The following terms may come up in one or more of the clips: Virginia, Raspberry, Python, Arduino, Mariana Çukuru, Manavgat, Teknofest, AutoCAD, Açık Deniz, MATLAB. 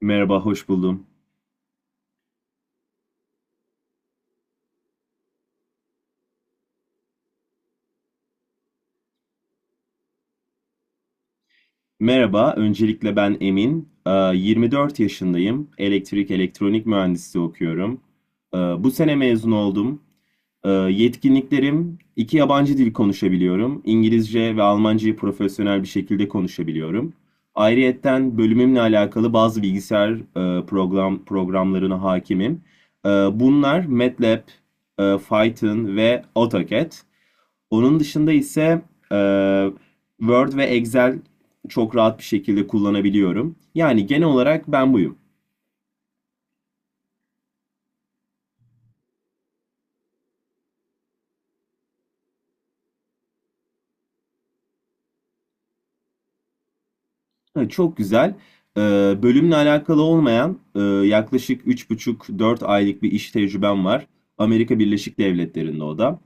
Merhaba, hoş buldum. Merhaba, öncelikle ben Emin. 24 yaşındayım. Elektrik elektronik mühendisliği okuyorum. Bu sene mezun oldum. Yetkinliklerim, iki yabancı dil konuşabiliyorum. İngilizce ve Almancayı profesyonel bir şekilde konuşabiliyorum. Ayrıyetten bölümümle alakalı bazı bilgisayar programlarına hakimim. Bunlar MATLAB, Python ve AutoCAD. Onun dışında ise eee, Word ve Excel çok rahat bir şekilde kullanabiliyorum. Yani genel olarak ben buyum. Ha, çok güzel. Bölümle alakalı olmayan yaklaşık üç buçuk dört aylık bir iş tecrübem var. Amerika Birleşik Devletleri'nde o da.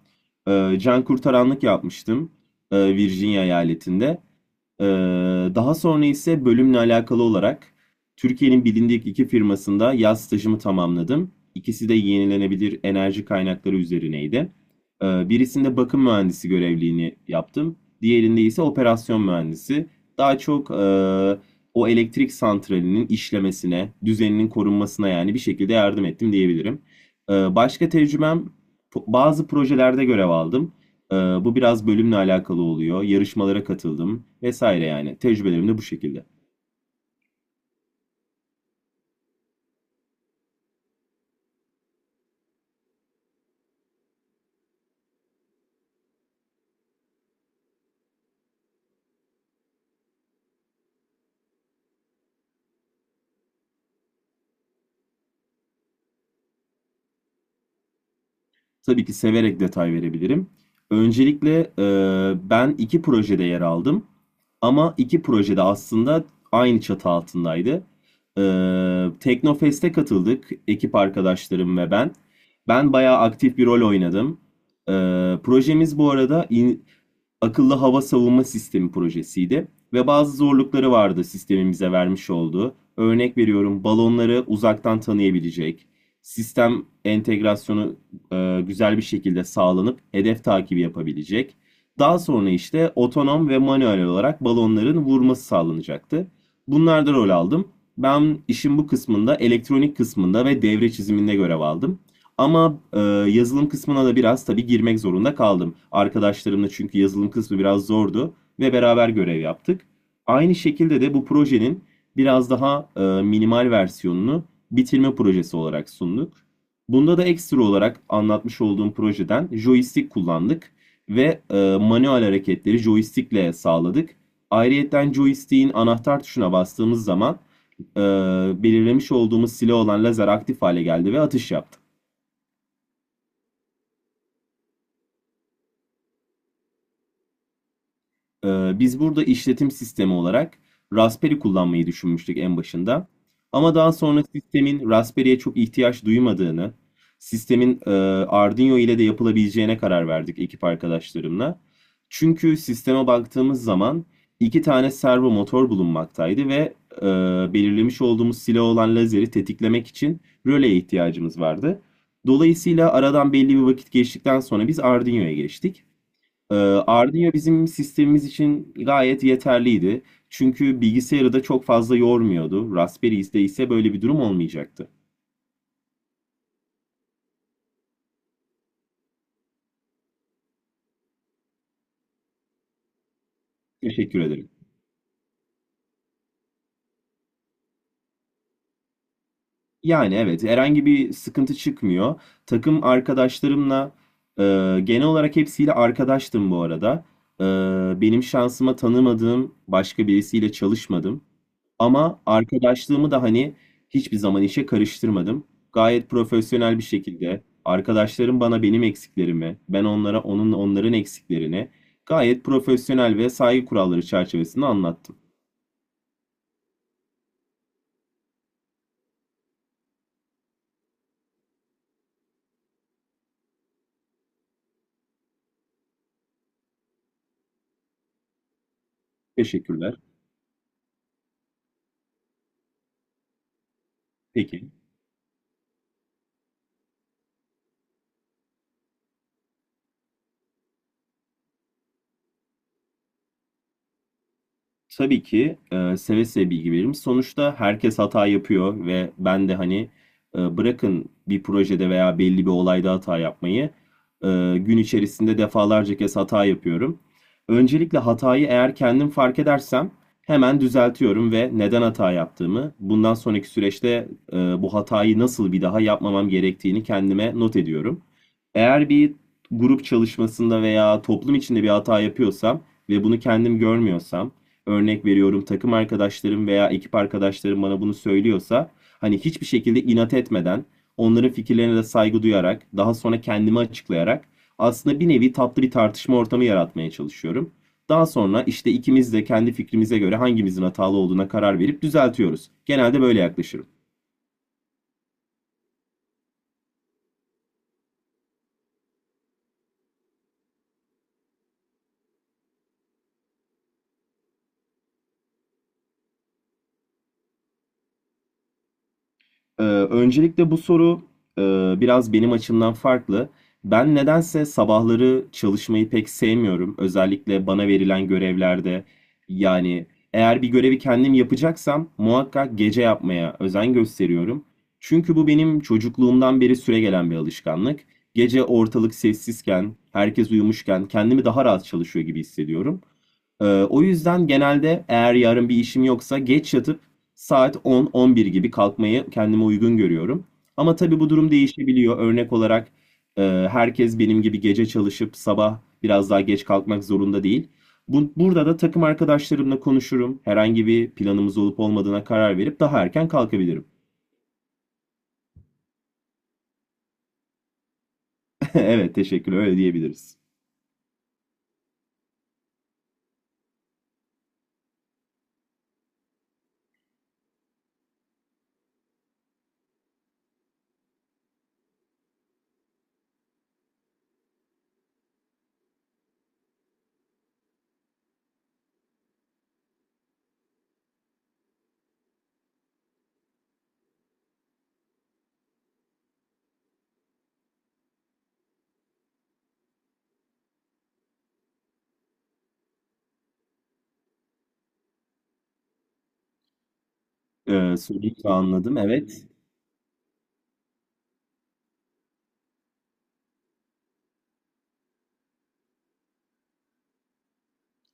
Can kurtaranlık yapmıştım Virginia eyaletinde. Ee, daha sonra ise bölümle alakalı olarak Türkiye'nin bilindik iki firmasında yaz stajımı tamamladım. İkisi de yenilenebilir enerji kaynakları üzerineydi. Birisinde bakım mühendisi görevliğini yaptım. Diğerinde ise operasyon mühendisi. Daha çok o elektrik santralinin işlemesine, düzeninin korunmasına yani bir şekilde yardım ettim diyebilirim. Başka tecrübem bazı projelerde görev aldım. Bu biraz bölümle alakalı oluyor. Yarışmalara katıldım vesaire yani. Tecrübelerim de bu şekilde. Tabii ki severek detay verebilirim. Öncelikle ben iki projede yer aldım. Ama iki projede aslında aynı çatı altındaydı. Teknofest'e katıldık ekip arkadaşlarım ve ben. Ben bayağı aktif bir rol oynadım. Ee, projemiz bu arada akıllı hava savunma sistemi projesiydi ve bazı zorlukları vardı sistemin vermiş olduğu. Örnek veriyorum balonları uzaktan tanıyabilecek, sistem entegrasyonu güzel bir şekilde sağlanıp hedef takibi yapabilecek. Daha sonra işte otonom ve manuel olarak balonların vurması sağlanacaktı. Bunlarda rol aldım. Ben işin bu kısmında, elektronik kısmında ve devre çiziminde görev aldım. Ama yazılım kısmına da biraz tabii girmek zorunda kaldım. Arkadaşlarımla çünkü yazılım kısmı biraz zordu ve beraber görev yaptık. Aynı şekilde de bu projenin biraz daha minimal versiyonunu bitirme projesi olarak sunduk. Bunda da ekstra olarak anlatmış olduğum projeden joystick kullandık ve manuel hareketleri joystickle sağladık. Ayrıyeten joystick'in anahtar tuşuna bastığımız zaman e, belirlemiş olduğumuz silah olan lazer aktif hale geldi ve atış yaptı. Biz burada işletim sistemi olarak Raspberry kullanmayı düşünmüştük en başında. Ama daha sonra sistemin Raspberry'e çok ihtiyaç duymadığını, sistemin Arduino ile de yapılabileceğine karar verdik ekip arkadaşlarımla. Çünkü sisteme baktığımız zaman iki tane servo motor bulunmaktaydı ve e, belirlemiş olduğumuz silah olan lazeri tetiklemek için röleye ihtiyacımız vardı. Dolayısıyla aradan belli bir vakit geçtikten sonra biz Arduino'ya geçtik. Ee, Ardino bizim sistemimiz için gayet yeterliydi. Çünkü bilgisayarı da çok fazla yormuyordu. Raspberry'de ise böyle bir durum olmayacaktı. Teşekkür ederim. Yani evet, herhangi bir sıkıntı çıkmıyor. Takım arkadaşlarımla e, genel olarak hepsiyle arkadaştım bu arada. E, benim şansıma tanımadığım başka birisiyle çalışmadım. Ama arkadaşlığımı da hani hiçbir zaman işe karıştırmadım. Gayet profesyonel bir şekilde arkadaşlarım bana benim eksiklerimi, ben onlara onların eksiklerini gayet profesyonel ve saygı kuralları çerçevesinde anlattım. Teşekkürler. Peki. Tabii ki seve seve bilgi veririm. Sonuçta herkes hata yapıyor ve ben de hani bırakın bir projede veya belli bir olayda hata yapmayı e, gün içerisinde defalarca kez hata yapıyorum. Öncelikle hatayı eğer kendim fark edersem hemen düzeltiyorum ve neden hata yaptığımı, bundan sonraki süreçte bu hatayı nasıl bir daha yapmamam gerektiğini kendime not ediyorum. Eğer bir grup çalışmasında veya toplum içinde bir hata yapıyorsam ve bunu kendim görmüyorsam, örnek veriyorum takım arkadaşlarım veya ekip arkadaşlarım bana bunu söylüyorsa hani hiçbir şekilde inat etmeden onların fikirlerine de saygı duyarak daha sonra kendimi açıklayarak aslında bir nevi tatlı bir tartışma ortamı yaratmaya çalışıyorum. Daha sonra işte ikimiz de kendi fikrimize göre hangimizin hatalı olduğuna karar verip düzeltiyoruz. Genelde böyle yaklaşırım. Öncelikle bu soru e, biraz benim açımdan farklı. Ben nedense sabahları çalışmayı pek sevmiyorum. Özellikle bana verilen görevlerde. Yani eğer bir görevi kendim yapacaksam muhakkak gece yapmaya özen gösteriyorum. Çünkü bu benim çocukluğumdan beri süregelen bir alışkanlık. Gece ortalık sessizken, herkes uyumuşken kendimi daha rahat çalışıyor gibi hissediyorum. O yüzden genelde eğer yarın bir işim yoksa geç yatıp saat 10-11 gibi kalkmayı kendime uygun görüyorum. Ama tabii bu durum değişebiliyor. Örnek olarak e, herkes benim gibi gece çalışıp sabah biraz daha geç kalkmak zorunda değil. Bu, burada da takım arkadaşlarımla konuşurum. Herhangi bir planımız olup olmadığına karar verip daha erken kalkabilirim. Evet, teşekkür. Öyle diyebiliriz. Soruyu anladım. Evet.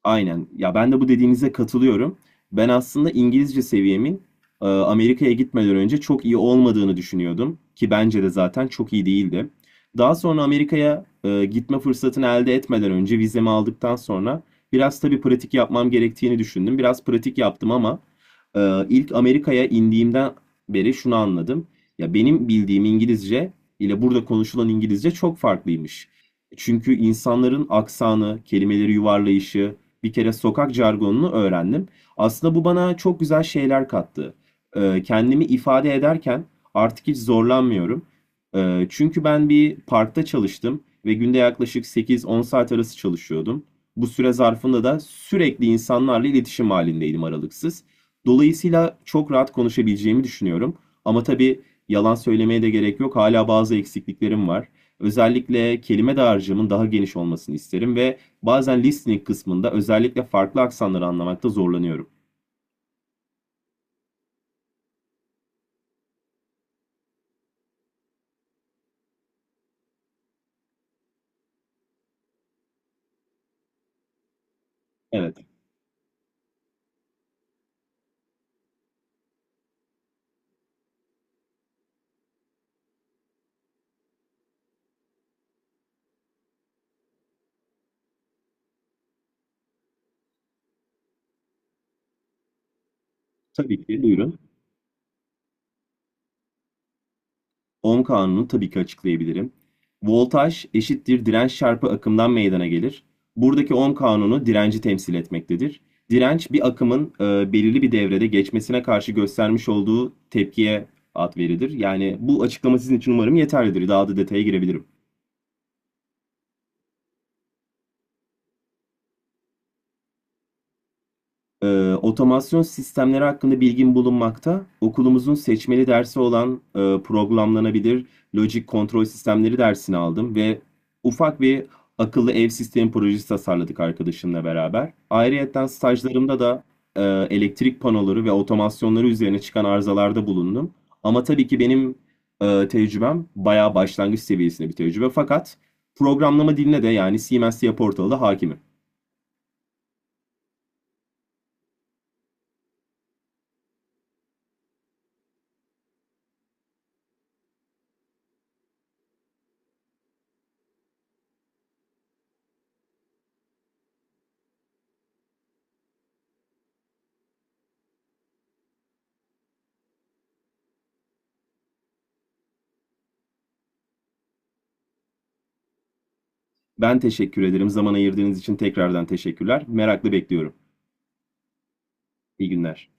Aynen. Ya ben de bu dediğinize katılıyorum. Ben aslında İngilizce seviyemin Amerika'ya gitmeden önce çok iyi olmadığını düşünüyordum ki bence de zaten çok iyi değildi. Daha sonra Amerika'ya gitme fırsatını elde etmeden önce vizemi aldıktan sonra biraz tabii pratik yapmam gerektiğini düşündüm. Biraz pratik yaptım ama ilk Amerika'ya indiğimden beri şunu anladım. Ya benim bildiğim İngilizce ile burada konuşulan İngilizce çok farklıymış. Çünkü insanların aksanı, kelimeleri yuvarlayışı, bir kere sokak jargonunu öğrendim. Aslında bu bana çok güzel şeyler kattı. Kendimi ifade ederken artık hiç zorlanmıyorum. Çünkü ben bir parkta çalıştım ve günde yaklaşık 8-10 saat arası çalışıyordum. Bu süre zarfında da sürekli insanlarla iletişim halindeydim aralıksız. Dolayısıyla çok rahat konuşabileceğimi düşünüyorum. Ama tabii yalan söylemeye de gerek yok. Hala bazı eksikliklerim var. Özellikle kelime dağarcığımın daha geniş olmasını isterim ve bazen listening kısmında özellikle farklı aksanları anlamakta zorlanıyorum. Evet, tabii ki buyurun. Ohm kanunu tabii ki açıklayabilirim. Voltaj eşittir direnç çarpı akımdan meydana gelir. Buradaki ohm kanunu direnci temsil etmektedir. Direnç bir akımın belirli bir devrede geçmesine karşı göstermiş olduğu tepkiye ad verilir. Yani bu açıklama sizin için umarım yeterlidir. Daha da detaya girebilirim. Otomasyon sistemleri hakkında bilgim bulunmakta. Okulumuzun seçmeli dersi olan programlanabilir lojik kontrol sistemleri dersini aldım ve ufak bir akıllı ev sistemi projesi tasarladık arkadaşımla beraber. Ayrıyeten stajlarımda da e, elektrik panoları ve otomasyonları üzerine çıkan arızalarda bulundum. Ama tabii ki benim tecrübem bayağı başlangıç seviyesinde bir tecrübe. Fakat programlama diline de yani C++ portalı da hakimim. Ben teşekkür ederim. Zaman ayırdığınız için tekrardan teşekkürler. Merakla bekliyorum. İyi günler.